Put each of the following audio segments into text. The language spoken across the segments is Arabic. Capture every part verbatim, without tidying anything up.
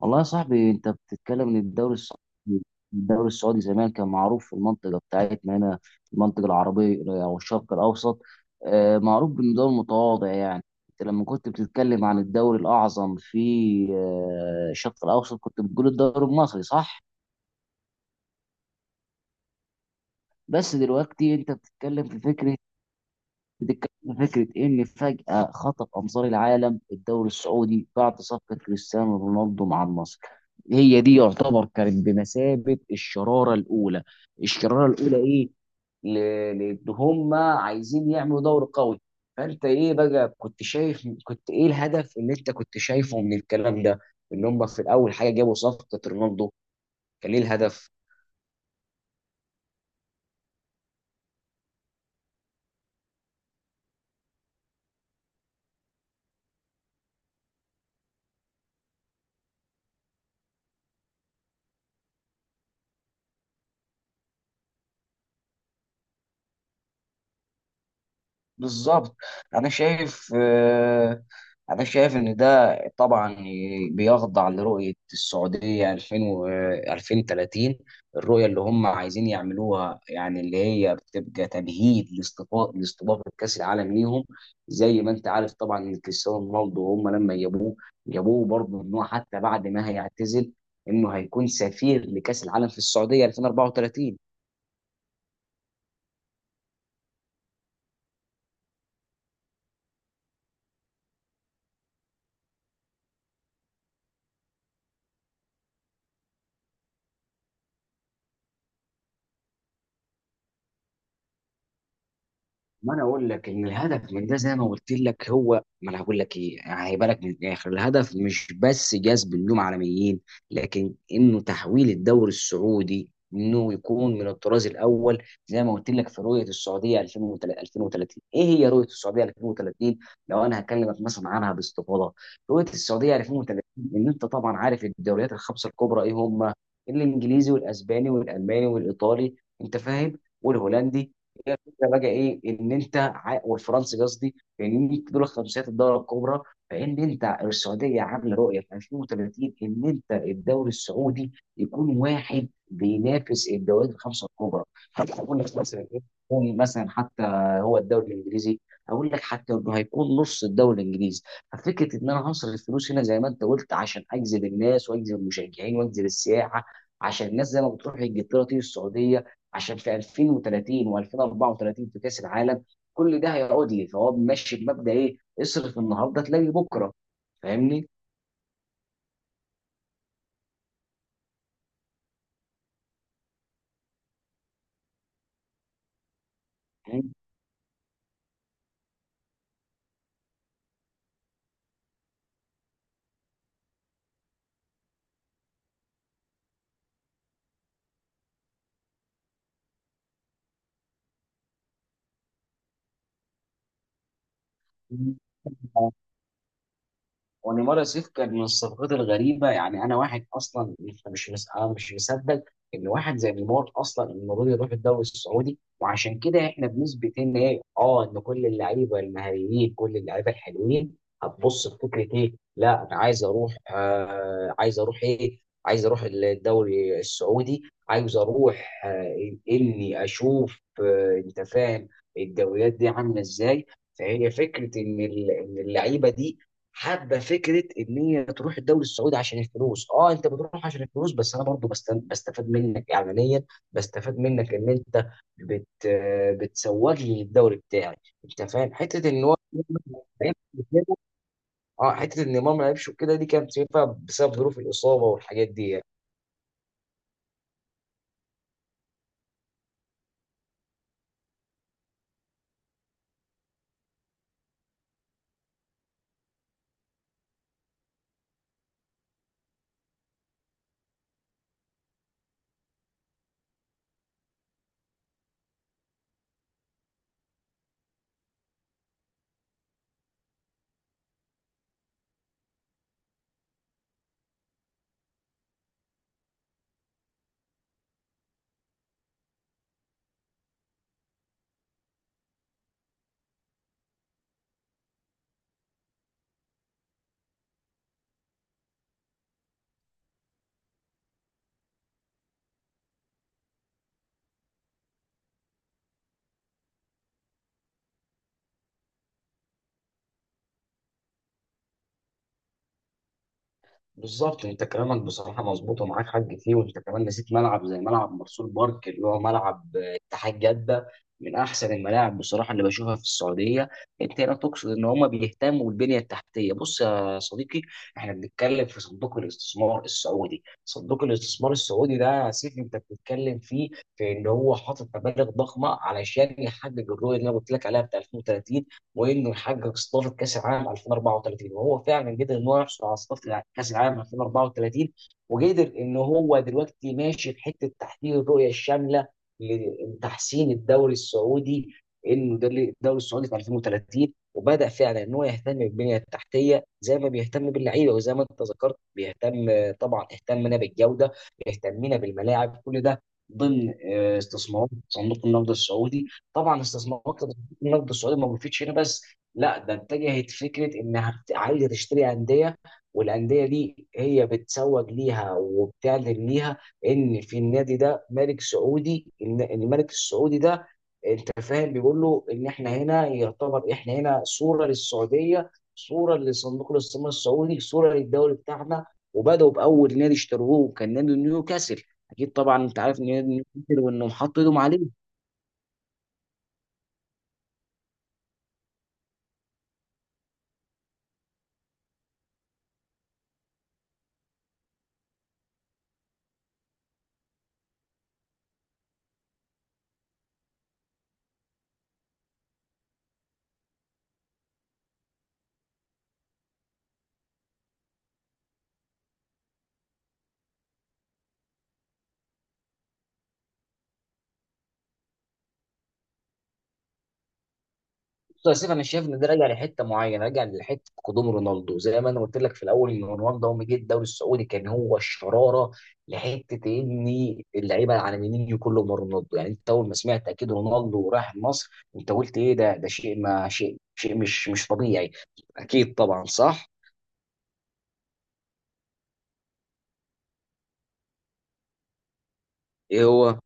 والله يا صاحبي انت بتتكلم ان الدوري السعودي الدوري السعودي زمان كان معروف في المنطقه بتاعتنا هنا، في المنطقه العربيه او الشرق الاوسط. آه، معروف بانه دوري متواضع يعني. انت لما كنت بتتكلم عن الدوري الاعظم في آه، الشرق الاوسط كنت بتقول الدوري المصري، صح؟ بس دلوقتي انت بتتكلم في فكره، بتتكلم عن فكرة إيه، إن فجأة خطف أنظار العالم الدوري السعودي بعد صفقة كريستيانو رونالدو مع النصر. هي دي يعتبر كانت بمثابة الشرارة الأولى. الشرارة الأولى إيه؟ ل- لأن هما عايزين يعملوا دوري قوي. فأنت إيه بقى كنت شايف، كنت إيه الهدف اللي أنت كنت شايفه من الكلام ده؟ إن هما في الأول حاجة جابوا صفقة رونالدو، كان إيه الهدف؟ بالظبط. انا شايف آه، انا شايف ان ده طبعا بيخضع لرؤيه السعوديه ألفين و- آه، ألفين وثلاثين. الرؤيه اللي هم عايزين يعملوها يعني، اللي هي بتبقى تمهيد لاستضافه لاستضافه كاس العالم ليهم. زي ما انت عارف طبعا ان كريستيانو رونالدو، هم لما جابوه جابوه برضه ان هو حتى بعد ما هيعتزل، انه هيكون سفير لكاس العالم في السعوديه ألفين واربعه وثلاثين. ما انا اقول لك ان الهدف من ده زي ما قلت لك هو، ما انا هقول لك ايه يعني، هيبقى لك من الاخر، الهدف مش بس جذب النجوم عالميين، لكن انه تحويل الدوري السعودي انه يكون من الطراز الاول زي ما قلت لك في رؤيه السعوديه ألفين وثلاثين. ايه هي رؤيه السعوديه ألفين وثلاثين؟ لو انا هكلمك مثلا عنها باستفاضه، رؤيه السعوديه ألفين وثلاثين ان انت طبعا عارف الدوريات الخمسه الكبرى ايه هم؟ الانجليزي والاسباني والالماني والايطالي، انت فاهم، والهولندي. هي الفكره بقى ايه ان انت ع- والفرنسي قصدي، ان دول خمسيات الدوري الكبرى. فان انت السعوديه عامله رؤيه في ألفين وثلاثين ان انت الدوري السعودي يكون واحد بينافس الدوريات الخمسه الكبرى. طب هقول لك مثلا ايه، يكون مثلا حتى هو الدوري الانجليزي، هقول لك حتى انه هيكون نص الدوري الانجليزي. ففكره ان انا هصرف الفلوس هنا زي ما انت قلت عشان اجذب الناس واجذب المشجعين واجذب السياحه، عشان الناس زي ما بتروح انجلترا تيجي السعوديه، عشان في ألفين وثلاثين و2034 في كاس العالم. كل ده هيعود لي، فهو ماشي بمبدا ايه، اصرف النهارده تلاقي بكره. فاهمني؟ ونيمار يوسف كان من الصفقات الغريبه يعني. انا واحد اصلا مش مش مس- انا مش مصدق ان واحد زي نيمار اصلا المفروض يروح الدوري السعودي، وعشان كده احنا بنثبت ان ايه، اه، ان كل اللعيبه المهاريين كل اللعيبه الحلوين هتبص لفكره ايه، لا انا عايز اروح آه عايز اروح ايه، عايز اروح الدوري السعودي، عايز اروح آه اني اشوف آه انت فاهم الدوريات دي عامله ازاي. فهي فكره ان ال- إن اللعيبه دي حابه فكره ان هي تروح الدوري السعودي عشان الفلوس. اه انت بتروح عشان الفلوس، بس انا برضو بستن- بستفاد منك اعلانيا، بستفاد منك ان انت بت بتسوق لي الدوري بتاعي. انت فاهم حته ان هو اه، حته ان امام ما لعبش وكده دي كانت بسبب بسبب ظروف الاصابه والحاجات دي يعني. بالظبط. انت كلامك بصراحه مظبوط ومعاك حق فيه، وانت كمان نسيت ملعب زي ملعب مرسول بارك اللي هو ملعب آه، اتحاد جده، من احسن الملاعب بصراحه اللي بشوفها في السعوديه. انت هنا تقصد ان هم بيهتموا بالبنيه التحتيه. بص يا صديقي، احنا بنتكلم في صندوق الاستثمار السعودي. صندوق الاستثمار السعودي ده يا سيف انت بتتكلم فيه، في ان هو حاطط مبالغ ضخمه علشان يحقق الرؤيه اللي انا قلت لك عليها بتاع ألفين وثلاثين، وانه يحقق استضافه كاس العالم ألفين واربعه وثلاثين. وهو فعلا قدر ان هو يحصل على استضافه كاس العالم ألفين واربعه وثلاثين، وقدر ان هو دلوقتي ماشي في حته تحقيق الرؤيه الشامله لتحسين الدوري السعودي. انه ده اللي- الدوري السعودي في ألفين وثلاثين، وبدا فعلا ان هو يهتم بالبنيه التحتيه زي ما بيهتم باللعيبه، وزي ما انت ذكرت بيهتم طبعا، اهتمنا بالجوده، اهتمنا بالملاعب، كل ده ضمن آه، استثمارات صندوق النقد السعودي. طبعا استثمارات النقد السعودي ما وقفتش هنا بس، لا ده اتجهت فكره انها بت- عايزه تشتري انديه، والانديه دي هي بتسوق ليها وبتعلن ليها ان في النادي ده ملك سعودي، ان إن الملك السعودي ده انت فاهم بيقول له ان احنا هنا يعتبر، احنا هنا صوره للسعوديه، صوره لصندوق الاستثمار السعودي، صوره للدوري بتاعنا. وبداوا باول نادي اشتروه كان نادي نيوكاسل. اكيد طبعا انت عارف ان نادي نيوكاسل وانه حط ايدهم عليه. بص يا سيف، انا شايف ان ده راجع لحته معينه، راجع لحته قدوم رونالدو زي ما انا قلت لك في الاول، ان رونالدو اول ما جه الدوري السعودي كان هو الشراره. لحته ان اللعيبه على مينيو كله من رونالدو يعني. انت اول ما سمعت اكيد رونالدو راح مصر انت قلت ايه ده، ده شيء ما، شيء، شيء مش مش طبيعي. اكيد طبعا صح. ايه هو؟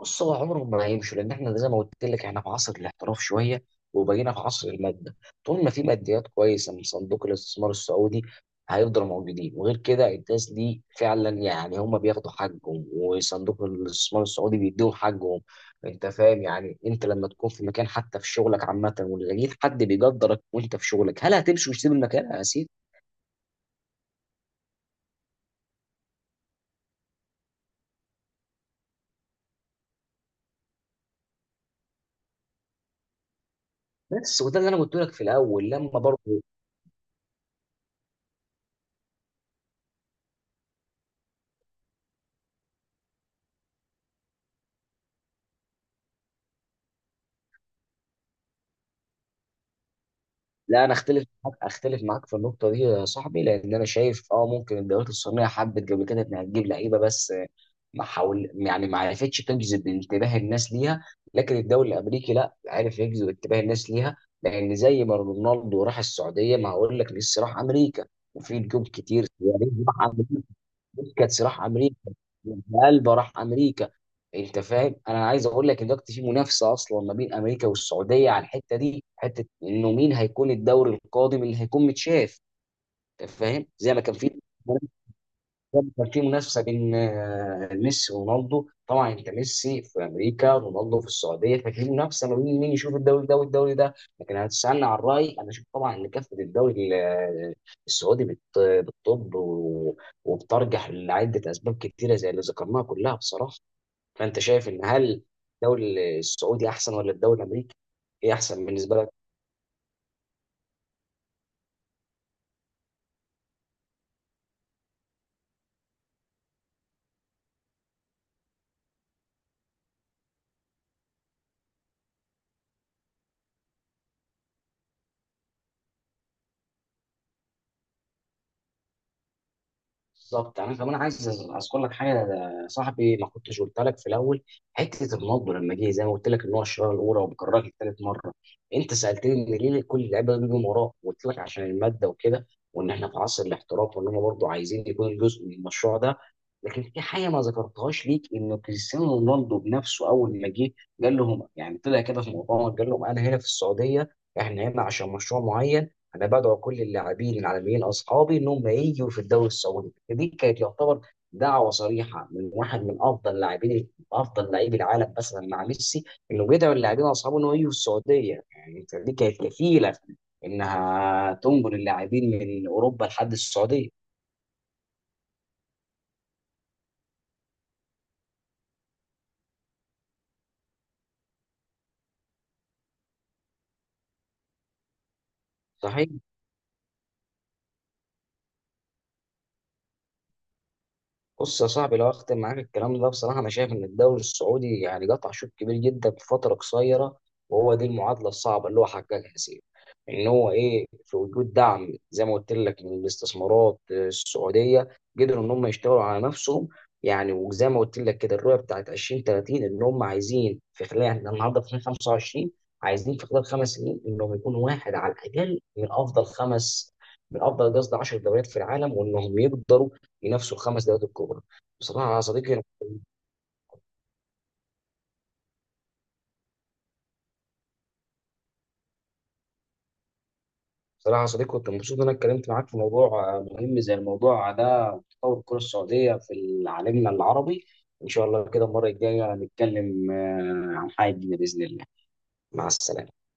بص، هو عمرهم ما هيمشوا، لان احنا زي ما قلت لك احنا في عصر الاحتراف شويه، وبقينا في عصر الماده. طول ما في ماديات كويسه من صندوق الاستثمار السعودي هيفضلوا موجودين، وغير كده الناس دي فعلا يعني هم بياخدوا حقهم، وصندوق الاستثمار السعودي بيديهم حقهم. انت فاهم يعني، انت لما تكون في مكان حتى في شغلك عامه ولقيت حد بيقدرك وانت في شغلك، هل هتمشي وتسيب المكان يا سيدي؟ بس وده اللي انا قلت لك في الاول لما برضه. لا، انا اختلف معاك، اختلف معاك في النقطه دي يا صاحبي، لان انا شايف اه ممكن الدوريات الصينيه حبت قبل كده انها تجيب لعيبه بس ما حاول يعني ما عرفتش تجذب انتباه الناس ليها، لكن الدوري الامريكي لا عرف يجذب انتباه الناس ليها. لان زي ما رونالدو راح السعوديه ما هقول لك ميسي راح امريكا، وفي نجوم كتير يعني راح امريكا، بوسكاتس راح امريكا، البا راح امريكا. انت فاهم، انا عايز اقول لك ان دلوقتي في منافسه اصلا ما بين امريكا والسعوديه على الحته دي، حته انه مين هيكون الدوري القادم اللي هيكون متشاف. انت فاهم، زي ما كان في، كان في منافسه بين آه، ميسي ورونالدو طبعا، انت ميسي في امريكا رونالدو في السعوديه، ففي منافسه ما بين مين يشوف الدوري ده والدوري ده. لكن هتسالني عن رايي، انا اشوف طبعا ان كافه الدوري ال- آه، السعودي بت- بتطب و- وبترجح لعده اسباب كتيره زي اللي ذكرناها كلها بصراحه. فانت شايف ان، هل الدوري السعودي احسن ولا الدوري الامريكي؟ ايه احسن بالنسبه لك؟ بالظبط. يعني انا كمان عايز اذكر لك حاجه يا صاحبي ما كنتش قلت لك في الاول، حته النبض لما جه زي ما قلت لك ان هو الشراره الاولى وبكررها لك ثالث مره. انت سالتني ليه كل اللعيبه بيجوا وراه، قلت لك عشان الماده وكده، وان احنا في عصر الاحتراف، وان هم برضه عايزين يكونوا جزء من المشروع ده. لكن في حاجه ما ذكرتهاش ليك، ان كريستيانو رونالدو بنفسه اول ما جه قال لهم يعني، طلع كده في مؤتمر قال لهم انا هنا في السعوديه، احنا هنا عشان مشروع معين، انا بدعو كل اللاعبين العالميين اصحابي انهم يجوا في الدوري السعودي. دي كانت يعتبر دعوه صريحه من واحد من افضل لاعبين، افضل لاعبي العالم مثلا مع ميسي، انه بيدعو اللاعبين اصحابه انه يجوا السعوديه يعني. أنت دي كانت كفيله انها تنقل اللاعبين من اوروبا لحد السعوديه. صحيح. بص يا صاحبي، لو اختم معاك الكلام ده بصراحه، انا شايف ان الدوري السعودي يعني قطع شوط كبير جدا في فتره قصيره، وهو دي المعادله الصعبه اللي هو حققها سيف. ان هو ايه، في وجود دعم زي ما قلت لك من الاستثمارات آه، السعوديه قدروا ان هم يشتغلوا على نفسهم يعني. وزي ما قلت لك كده الرؤيه بتاعت ألفين وثلاثين، ان هم عايزين في خلال، احنا النهارده في ألفين وخمسه وعشرين، عايزين في خلال خمس سنين انهم يكونوا واحد على الاقل من افضل خمس، من افضل قصدي عشر دوريات في العالم، وانهم يقدروا ينافسوا الخمس دوريات الكبرى. بصراحه يا صديقي بصراحه يا صديقي، كنت مبسوط ان انا اتكلمت معاك في موضوع آه، مهم زي الموضوع ده، تطور الكره السعوديه في عالمنا العربي. ان شاء الله كده المره الجايه نتكلم آه، عن حاجه جديدة باذن الله. مع السلامه.